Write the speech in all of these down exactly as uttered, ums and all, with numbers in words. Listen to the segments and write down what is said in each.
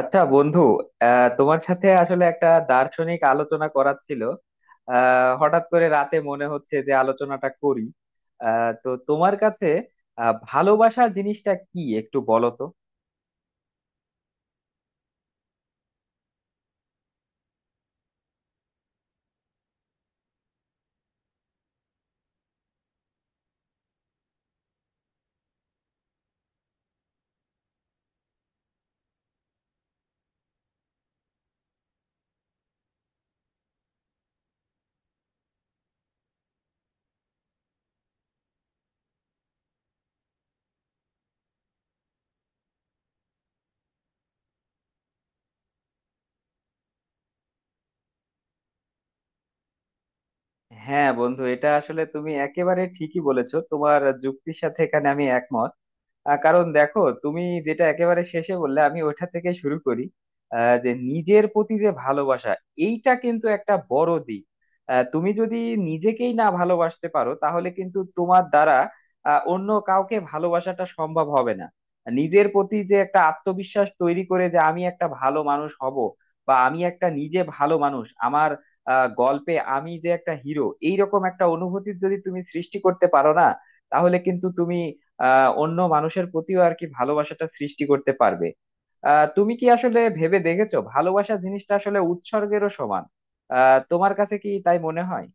আচ্ছা বন্ধু, আহ তোমার সাথে আসলে একটা দার্শনিক আলোচনা করার ছিল। আহ হঠাৎ করে রাতে মনে হচ্ছে যে আলোচনাটা করি। আহ তো তোমার কাছে আহ, ভালোবাসা জিনিসটা কি একটু বলো তো। হ্যাঁ বন্ধু, এটা আসলে তুমি একেবারে ঠিকই বলেছো, তোমার যুক্তির সাথে এখানে আমি একমত। আহ, কারণ দেখো, তুমি যেটা একেবারে শেষে বললে আমি ওইটা থেকে শুরু করি। আহ, যে নিজের প্রতি যে ভালোবাসা, এইটা কিন্তু একটা বড় দিক। আহ, তুমি যদি নিজেকেই না ভালোবাসতে পারো তাহলে কিন্তু তোমার দ্বারা আহ, অন্য কাউকে ভালোবাসাটা সম্ভব হবে না। নিজের প্রতি যে একটা আত্মবিশ্বাস তৈরি করে যে আমি একটা ভালো মানুষ হব, বা আমি একটা নিজে ভালো মানুষ, আমার আহ, গল্পে আমি যে একটা হিরো, এইরকম একটা অনুভূতি যদি তুমি সৃষ্টি করতে পারো না তাহলে কিন্তু তুমি আহ অন্য মানুষের প্রতিও আর কি ভালোবাসাটা সৃষ্টি করতে পারবে। আহ তুমি কি আসলে ভেবে দেখেছো ভালোবাসা জিনিসটা আসলে উৎসর্গেরও সমান? আহ তোমার কাছে কি তাই মনে হয়?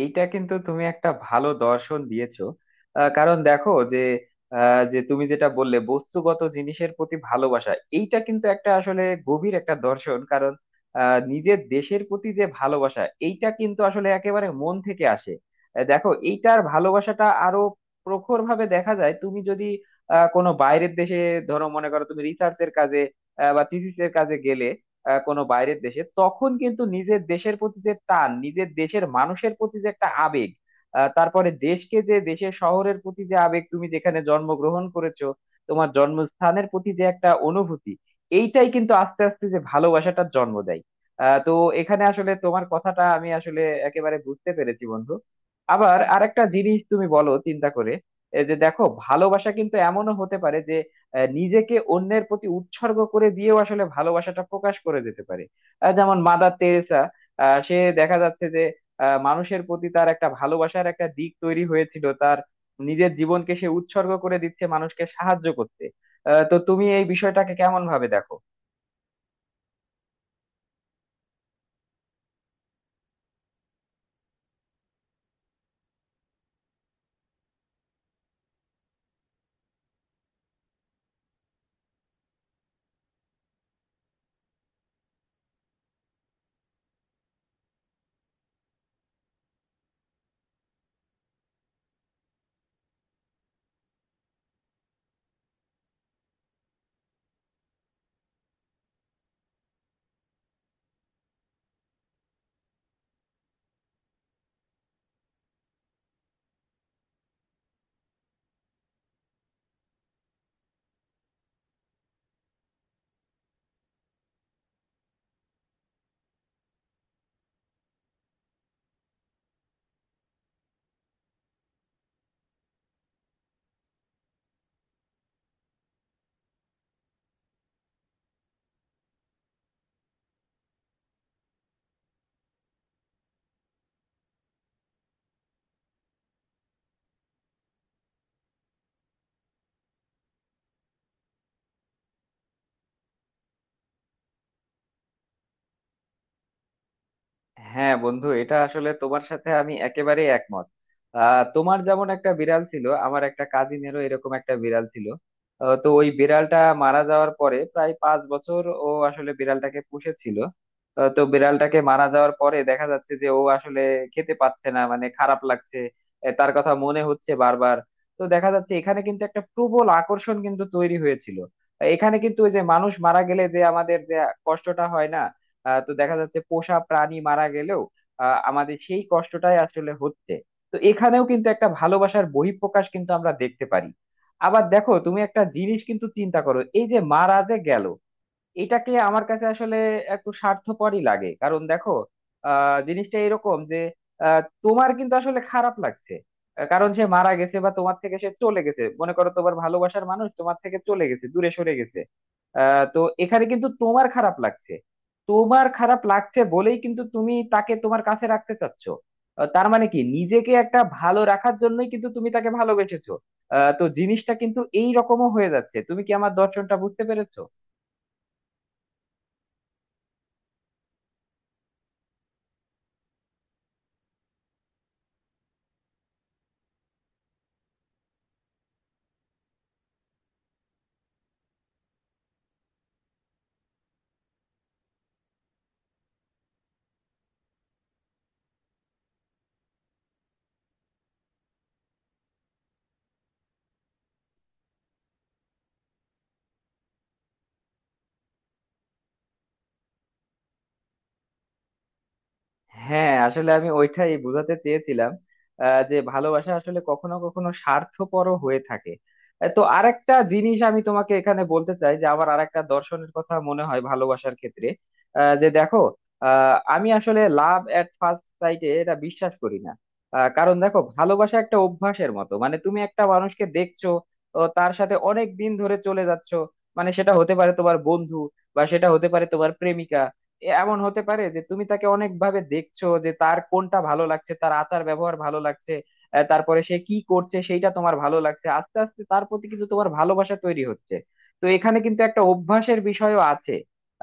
এইটা কিন্তু তুমি একটা ভালো দর্শন দিয়েছো। আহ, কারণ দেখো যে, আহ, যে তুমি যেটা বললে বস্তুগত জিনিসের প্রতি ভালোবাসা, এইটা কিন্তু একটা আসলে গভীর একটা দর্শন। কারণ আহ, নিজের দেশের প্রতি যে ভালোবাসা এইটা কিন্তু আসলে একেবারে মন থেকে আসে। আহ, দেখো এইটার ভালোবাসাটা আরো প্রখর ভাবে দেখা যায়, তুমি যদি আহ, কোনো বাইরের দেশে, ধরো মনে করো তুমি রিসার্চের কাজে আহ, বা থিসিসের কাজে গেলে আহ, কোনো বাইরের দেশে, তখন কিন্তু নিজের দেশের প্রতি যে টান, নিজের দেশের মানুষের প্রতি যে একটা আবেগ, আহ, তারপরে দেশকে, যে দেশের শহরের প্রতি যে আবেগ, তুমি যেখানে জন্মগ্রহণ করেছো, তোমার জন্মস্থানের প্রতি যে একটা অনুভূতি, এইটাই কিন্তু আস্তে আস্তে যে ভালোবাসাটার জন্ম দেয়। আহ, তো এখানে আসলে তোমার কথাটা আমি আসলে একেবারে বুঝতে পেরেছি বন্ধু। আবার আরেকটা জিনিস তুমি বলো চিন্তা করে, এই যে দেখো ভালোবাসা কিন্তু এমনও হতে পারে, আহ, নিজেকে অন্যের প্রতি উৎসর্গ করে দিয়েও আসলে ভালোবাসাটা প্রকাশ করে যেতে পারে। আহ, যেমন মাদার তেরেসা, আহ, সে দেখা যাচ্ছে যে আহ, মানুষের প্রতি তার একটা ভালোবাসার একটা দিক তৈরি হয়েছিল, তার নিজের জীবনকে সে উৎসর্গ করে দিচ্ছে মানুষকে সাহায্য করতে। আহ, তো তুমি এই বিষয়টাকে কেমন ভাবে দেখো? হ্যাঁ বন্ধু, এটা আসলে তোমার সাথে আমি একেবারে একমত। আহ, তোমার যেমন একটা বিড়াল ছিল, আমার একটা কাজিনেরও এরকম একটা বিড়াল ছিল। আহ, তো ওই বিড়ালটা মারা যাওয়ার পরে প্রায় পাঁচ বছর ও আসলে বিড়ালটাকে পুষেছিল। আহ, তো বিড়ালটাকে মারা যাওয়ার পরে দেখা যাচ্ছে যে ও আসলে খেতে পাচ্ছে না, মানে খারাপ লাগছে। এ, তার কথা মনে হচ্ছে বারবার। তো দেখা যাচ্ছে এখানে কিন্তু একটা প্রবল আকর্ষণ কিন্তু তৈরি হয়েছিল। আহ, এখানে কিন্তু ওই যে মানুষ মারা গেলে যে আমাদের যে কষ্টটা হয় না, আহ, তো দেখা যাচ্ছে পোষা প্রাণী মারা গেলেও আহ, আমাদের সেই কষ্টটাই আসলে হচ্ছে। তো এখানেও কিন্তু একটা ভালোবাসার বহিঃপ্রকাশ কিন্তু আমরা দেখতে পারি। আবার দেখো তুমি একটা জিনিস কিন্তু চিন্তা করো, এই যে মারা যে গেল, এটাকে আমার কাছে আসলে একটু স্বার্থপরই লাগে। কারণ দেখো, আহ জিনিসটা এরকম যে, আহ, তোমার কিন্তু আসলে খারাপ লাগছে আহ, কারণ সে মারা গেছে বা তোমার থেকে সে চলে গেছে। মনে করো তোমার ভালোবাসার মানুষ তোমার থেকে চলে গেছে, দূরে সরে গেছে। আহ তো এখানে কিন্তু তোমার খারাপ লাগছে। তোমার খারাপ লাগছে বলেই কিন্তু তুমি তাকে তোমার কাছে রাখতে চাচ্ছ। আহ, তার মানে কি নিজেকে একটা ভালো রাখার জন্যই কিন্তু তুমি তাকে ভালোবেসেছো? আহ তো জিনিসটা কিন্তু এই রকমও হয়ে যাচ্ছে। তুমি কি আমার দর্শনটা বুঝতে পেরেছো? হ্যাঁ আসলে আমি ওইটাই বোঝাতে চেয়েছিলাম, আহ, যে ভালোবাসা আসলে কখনো কখনো স্বার্থপরও হয়ে থাকে। আহ, তো আরেকটা জিনিস আমি তোমাকে এখানে বলতে চাই, যে আমার আরেকটা দর্শনের কথা মনে হয় ভালোবাসার ক্ষেত্রে, আহ, যে দেখো, আহ, আমি আসলে লাভ এট ফার্স্ট সাইটে এটা বিশ্বাস করি না। আহ, কারণ দেখো ভালোবাসা একটা অভ্যাসের মতো, মানে তুমি একটা মানুষকে দেখছো ও তার সাথে অনেক দিন ধরে চলে যাচ্ছো, মানে সেটা হতে পারে তোমার বন্ধু, বা সেটা হতে পারে তোমার প্রেমিকা। এমন হতে পারে যে তুমি তাকে অনেক ভাবে দেখছো, যে তার কোনটা ভালো লাগছে, তার আচার ব্যবহার ভালো লাগছে, আহ, তারপরে সে কি করছে সেইটা তোমার ভালো লাগছে, আস্তে আস্তে তার প্রতি কিন্তু তোমার ভালোবাসা তৈরি হচ্ছে। তো এখানে কিন্তু একটা অভ্যাসের বিষয়ও আছে।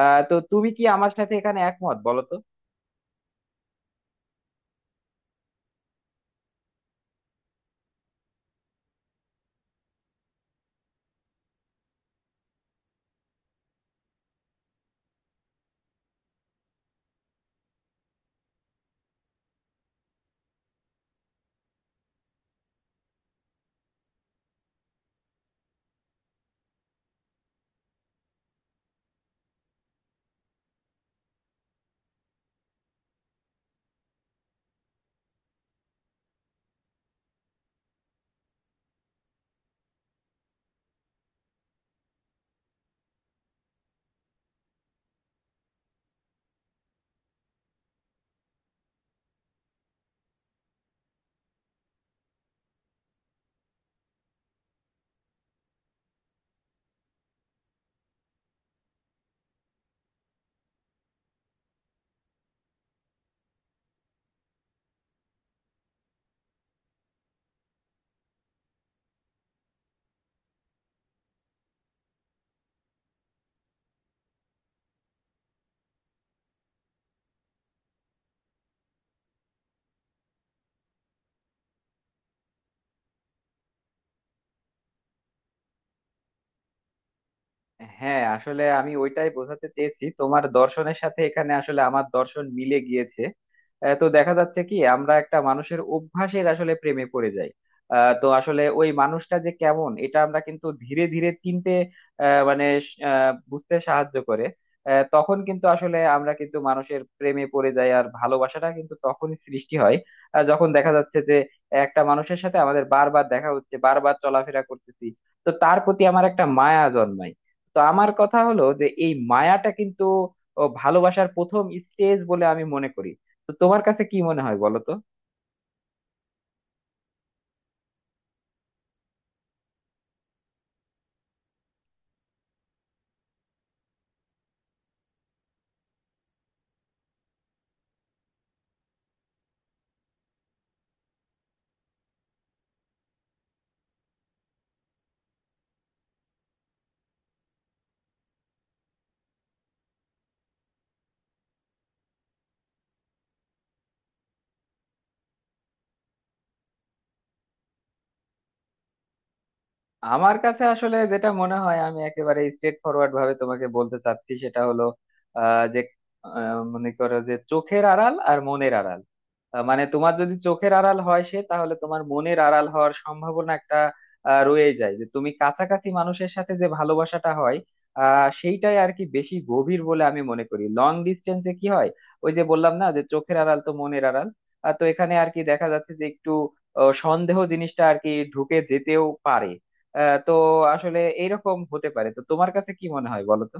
আহ তো তুমি কি আমার সাথে এখানে একমত বলো তো? হ্যাঁ আসলে আমি ওইটাই বোঝাতে চেয়েছি, তোমার দর্শনের সাথে এখানে আসলে আমার দর্শন মিলে গিয়েছে। আহ, তো দেখা যাচ্ছে কি আমরা একটা মানুষের অভ্যাসের আসলে প্রেমে পড়ে যাই। আহ, তো আসলে ওই মানুষটা যে কেমন এটা আমরা কিন্তু ধীরে ধীরে চিনতে আহ, মানে আহ, বুঝতে সাহায্য করে। আহ, তখন কিন্তু আসলে আমরা কিন্তু মানুষের প্রেমে পড়ে যাই, আর ভালোবাসাটা কিন্তু তখনই সৃষ্টি হয় আহ, যখন দেখা যাচ্ছে যে একটা মানুষের সাথে আমাদের বারবার দেখা হচ্ছে, বারবার চলাফেরা করতেছি। তো তার প্রতি আমার একটা মায়া জন্মায়। তো আমার কথা হলো যে এই মায়াটা কিন্তু ও, ভালোবাসার প্রথম স্টেজ বলে আমি মনে করি। তো তোমার কাছে কি মনে হয় বলো তো? আমার কাছে আসলে যেটা মনে হয়, আমি একেবারে স্ট্রেট ফরওয়ার্ড ভাবে তোমাকে বলতে চাচ্ছি, সেটা হলো আহ, যে আহ, মনে করো যে চোখের আড়াল আর মনের আড়াল। আহ, মানে তোমার যদি চোখের আড়াল হয় সে, তাহলে তোমার মনের আড়াল হওয়ার সম্ভাবনা একটা আহ, রয়েই যায়। যে তুমি কাছাকাছি মানুষের সাথে যে ভালোবাসাটা হয় আহ সেইটাই আর কি বেশি গভীর বলে আমি মনে করি। লং ডিস্টেন্সে কি হয়, ওই যে বললাম না যে চোখের আড়াল তো মনের আড়াল। আহ, তো এখানে আর কি দেখা যাচ্ছে যে একটু আহ, সন্দেহ জিনিসটা আর কি ঢুকে যেতেও পারে। আহ, তো আসলে এইরকম হতে পারে। তো তোমার কাছে কি মনে হয় বলো তো?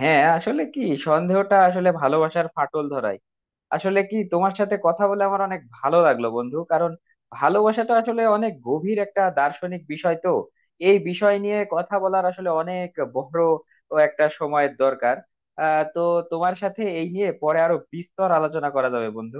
হ্যাঁ আসলে কি সন্দেহটা আসলে ভালোবাসার ফাটল ধরায়। আসলে কি তোমার সাথে কথা বলে আমার অনেক ভালো লাগলো বন্ধু, কারণ ভালোবাসাটা আসলে অনেক গভীর একটা দার্শনিক বিষয়, তো এই বিষয় নিয়ে কথা বলার আসলে অনেক বড় ও একটা সময়ের দরকার। আহ তো তোমার সাথে এই নিয়ে পরে আরো বিস্তর আলোচনা করা যাবে বন্ধু।